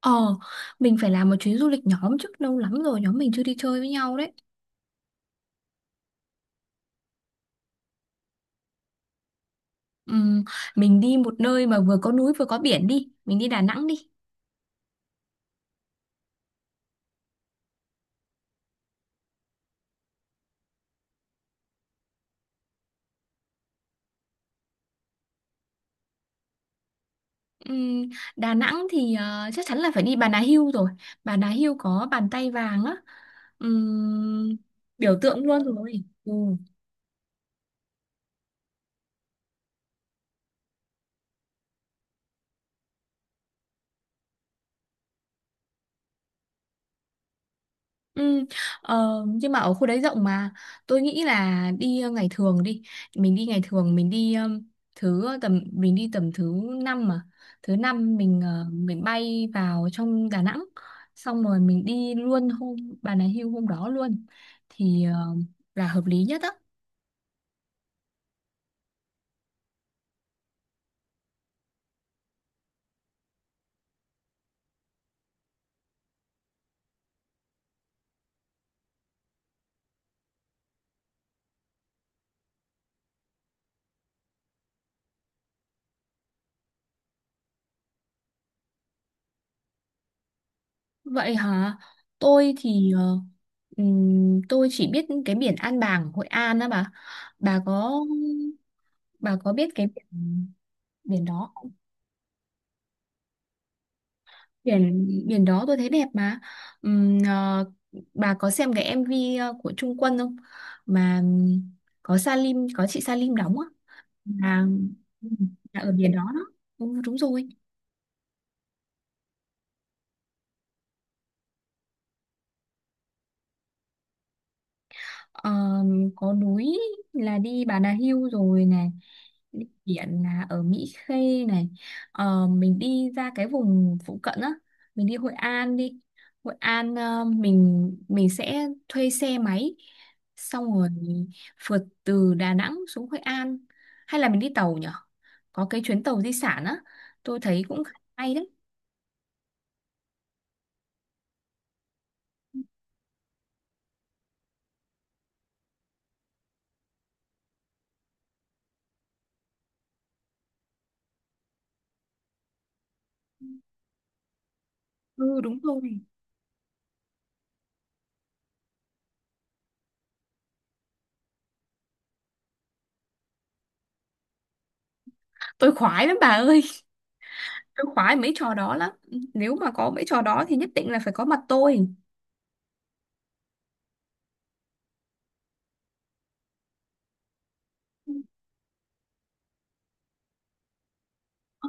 Ờ, mình phải làm một chuyến du lịch nhóm chứ lâu lắm rồi nhóm mình chưa đi chơi với nhau đấy. Ừm, mình đi một nơi mà vừa có núi vừa có biển đi, mình đi. Ừm, Đà Nẵng thì chắc chắn là phải đi Bà Nà Hưu rồi. Bà Nà Hưu có bàn tay vàng á, Ừm, biểu tượng luôn rồi. Ừ. Ừ, ờ, nhưng mà ở khu đấy rộng mà tôi nghĩ là đi, ngày thường đi, mình đi ngày thường, mình đi tầm mình đi tầm thứ năm mà, thứ năm mình bay vào trong Đà Nẵng, xong rồi mình đi luôn hôm Bà Nà Hills hôm đó luôn thì là hợp lý nhất á. Vậy hả, tôi thì tôi chỉ biết cái biển An Bàng Hội An á bà có bà có biết cái biển đó biển biển đó tôi thấy đẹp mà. Ừm, ờ, bà có xem cái MV của Trung Quân không, mà có chị Salim đóng á. Là, ở biển đó đó, ừ, đúng rồi. Ờ, có núi là đi Bà Nà Hills rồi này, đi biển là ở Mỹ Khê này. Ờ, mình đi ra cái vùng phụ cận á, mình đi Hội An đi. Hội An mình sẽ thuê xe máy, xong rồi phượt từ Đà Nẵng xuống Hội An, hay là mình đi tàu nhở? Có cái chuyến tàu di sản á, tôi thấy cũng khá hay đấy. Ừ, đúng rồi. Tôi khoái lắm bà ơi, tôi khoái mấy trò đó lắm, nếu mà có mấy trò đó thì nhất định là phải có mặt tôi. Ờ,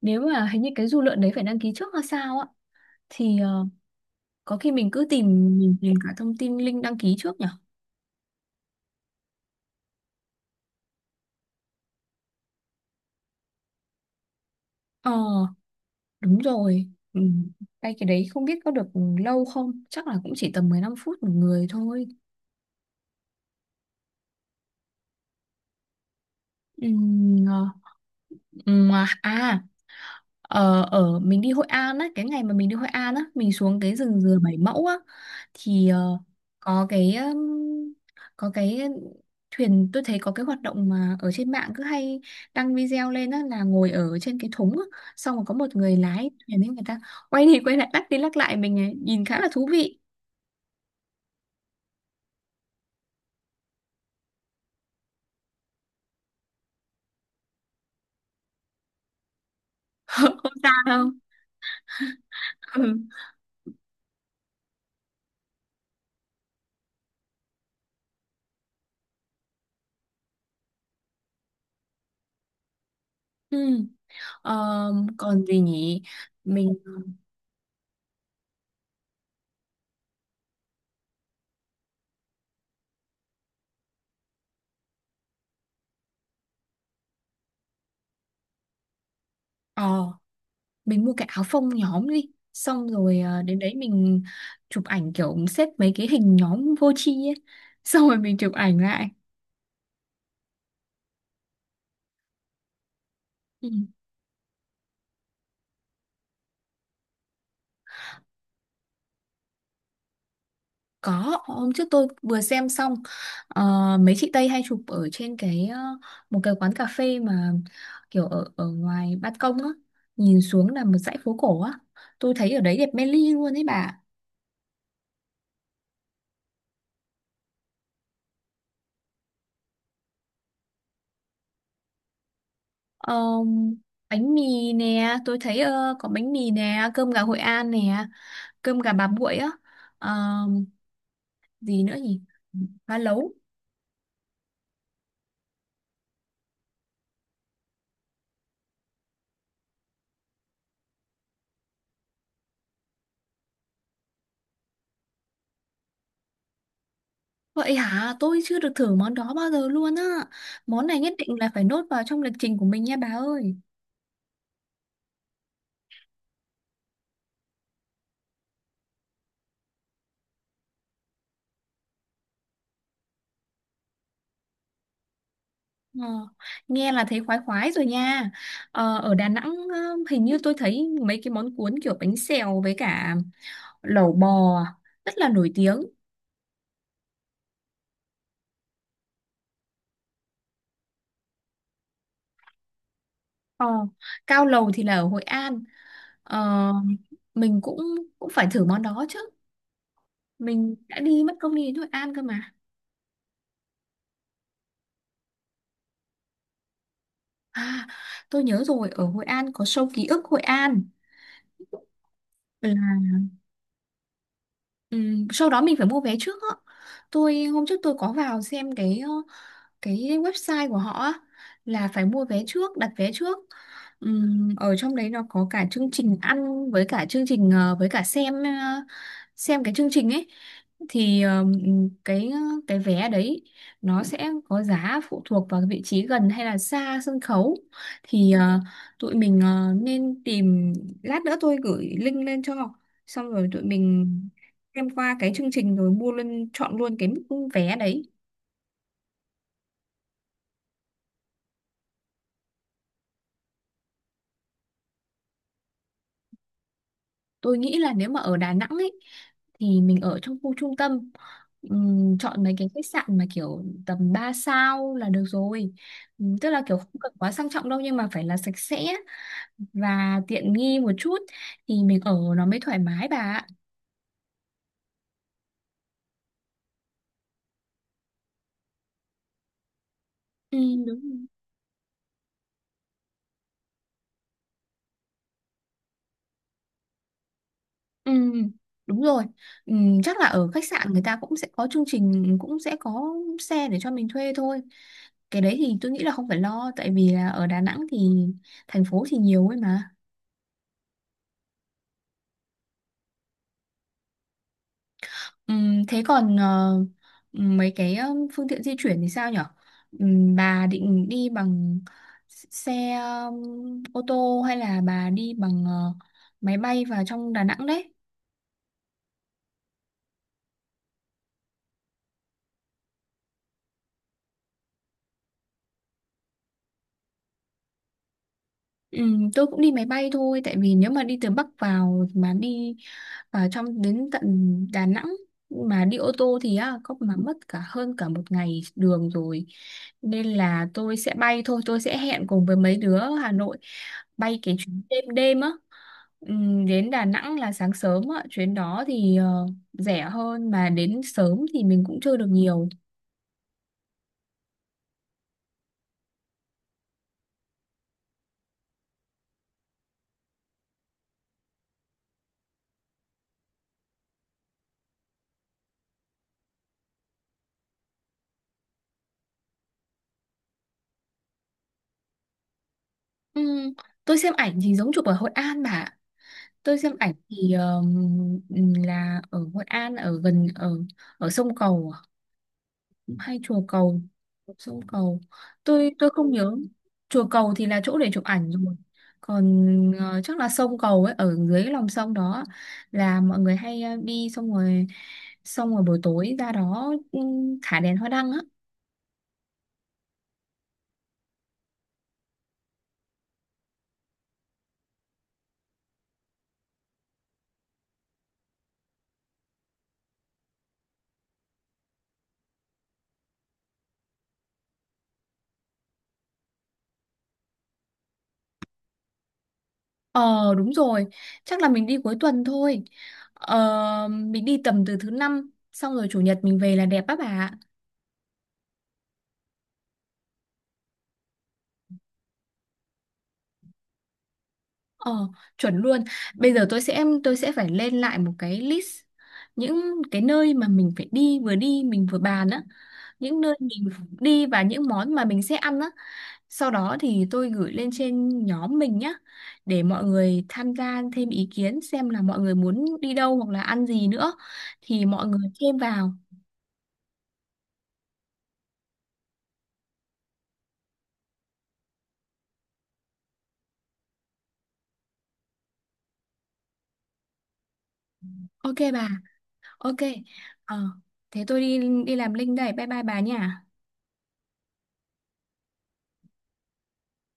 nếu mà hình như cái du lượn đấy phải đăng ký trước hay sao á, thì có khi mình cứ tìm, mình tìm cả thông tin link đăng ký trước nhỉ? Ờ, đúng rồi. Ừ. Đây, cái đấy không biết có được lâu không, chắc là cũng chỉ tầm 15 phút một người thôi. Ừ. Ờ. Ừ. À, à. Ờ, ở mình đi Hội An á, cái ngày mà mình đi Hội An á mình xuống cái rừng dừa Bảy Mẫu á, thì có cái um, có cái thuyền, tôi thấy có cái hoạt động mà ở trên mạng cứ hay đăng video lên á, là ngồi ở trên cái thúng á, xong rồi có một người lái thuyền ấy, người ta quay đi quay lại, lắc đi lắc lại mình ấy, nhìn khá là thú vị. Không sao đâu, ừ. Ừ. Ờ, còn gì nhỉ? Mình ờ mua cái áo phông nhóm đi, xong rồi à, đến đấy mình chụp ảnh kiểu xếp mấy cái hình nhóm vô tri ấy, xong rồi mình chụp ảnh lại, ừ. Có hôm trước tôi vừa xem xong, ờ, mấy chị Tây hay chụp ở trên một cái quán cà phê mà kiểu ở ở ngoài ban công á, nhìn xuống là một dãy phố cổ á, tôi thấy ở đấy đẹp mê ly luôn ấy bà. Ờ, bánh mì nè, tôi thấy có bánh mì nè, cơm gà Hội An nè, cơm gà bà Bụi á. Ờ, gì nữa nhỉ? Má lấu. Vậy hả, tôi chưa được thử món đó bao giờ luôn á. Món này nhất định là phải nốt vào trong lịch trình của mình nha bà ơi. Ờ, nghe là thấy khoái khoái rồi nha. Ở Đà Nẵng hình như tôi thấy mấy cái món cuốn kiểu bánh xèo với cả lẩu bò rất là nổi tiếng. Ờ, Cao lầu thì là ở Hội An, ờ, mình cũng cũng phải thử món đó chứ, mình đã đi mất công đi đến Hội An cơ mà. À, tôi nhớ rồi, ở Hội An có show ký ức Hội An. Là ừm, sau đó mình phải mua vé trước á. Tôi hôm trước tôi có vào xem cái website của họ á, là phải mua vé trước, đặt vé trước. Ở trong đấy nó có cả chương trình ăn với cả chương trình với cả xem cái chương trình ấy. Thì cái cái vé đấy nó sẽ có giá phụ thuộc vào cái vị trí gần hay là xa sân khấu. Thì tụi mình nên tìm, lát nữa tôi gửi link lên cho, xong rồi tụi mình xem qua cái chương trình rồi mua luôn, chọn luôn cái mức vé đấy. Tôi nghĩ là nếu mà ở Đà Nẵng ấy thì mình ở trong khu trung tâm. Chọn mấy cái khách sạn mà kiểu tầm 3 sao là được rồi. Tức là kiểu không cần quá sang trọng đâu nhưng mà phải là sạch sẽ và tiện nghi một chút, thì mình ở nó mới thoải mái bà ạ. Đúng rồi. Ừm, đúng rồi. Chắc là ở khách sạn người ta cũng sẽ có chương trình, cũng sẽ có xe để cho mình thuê thôi. Cái đấy thì tôi nghĩ là không phải lo, tại vì là ở Đà Nẵng thì thành phố thì nhiều ấy mà. Thế còn mấy cái phương tiện di chuyển thì sao nhở? Bà định đi bằng xe ô tô hay là bà đi bằng máy bay vào trong Đà Nẵng đấy? Ừ, tôi cũng đi máy bay thôi, tại vì nếu mà đi từ Bắc vào mà đi vào trong đến tận Đà Nẵng mà đi ô tô thì á, có mà mất cả hơn cả một ngày đường rồi, nên là tôi sẽ bay thôi, tôi sẽ hẹn cùng với mấy đứa ở Hà Nội bay cái chuyến đêm đêm á. Đến Đà Nẵng là sáng sớm á, chuyến đó thì rẻ hơn, mà đến sớm thì mình cũng chơi được nhiều. Ừm, tôi xem ảnh thì giống chụp ở Hội An bà ạ. Tôi xem ảnh thì là ở Hội An, ở gần ở ở sông Cầu à? Hay chùa Cầu? Sông Cầu, tôi không nhớ. Chùa Cầu thì là chỗ để chụp ảnh rồi, còn chắc là sông Cầu ấy ở dưới lòng sông đó, là mọi người hay đi, xong rồi buổi tối ra đó, thả đèn hoa đăng á. Ờ, đúng rồi, chắc là mình đi cuối tuần thôi, mình đi tầm từ thứ năm xong rồi chủ nhật mình về là đẹp á bà. Ờ, chuẩn luôn. Bây giờ tôi sẽ phải lên lại một cái list những cái nơi mà mình phải đi, vừa đi mình vừa bàn á, những nơi mình đi và những món mà mình sẽ ăn á. Sau đó thì tôi gửi lên trên nhóm mình nhá, để mọi người tham gia thêm ý kiến xem là mọi người muốn đi đâu hoặc là ăn gì nữa thì mọi người thêm vào. Ok bà. Ok. Ờ, thế tôi đi đi làm link đây. Bye bye bà nha.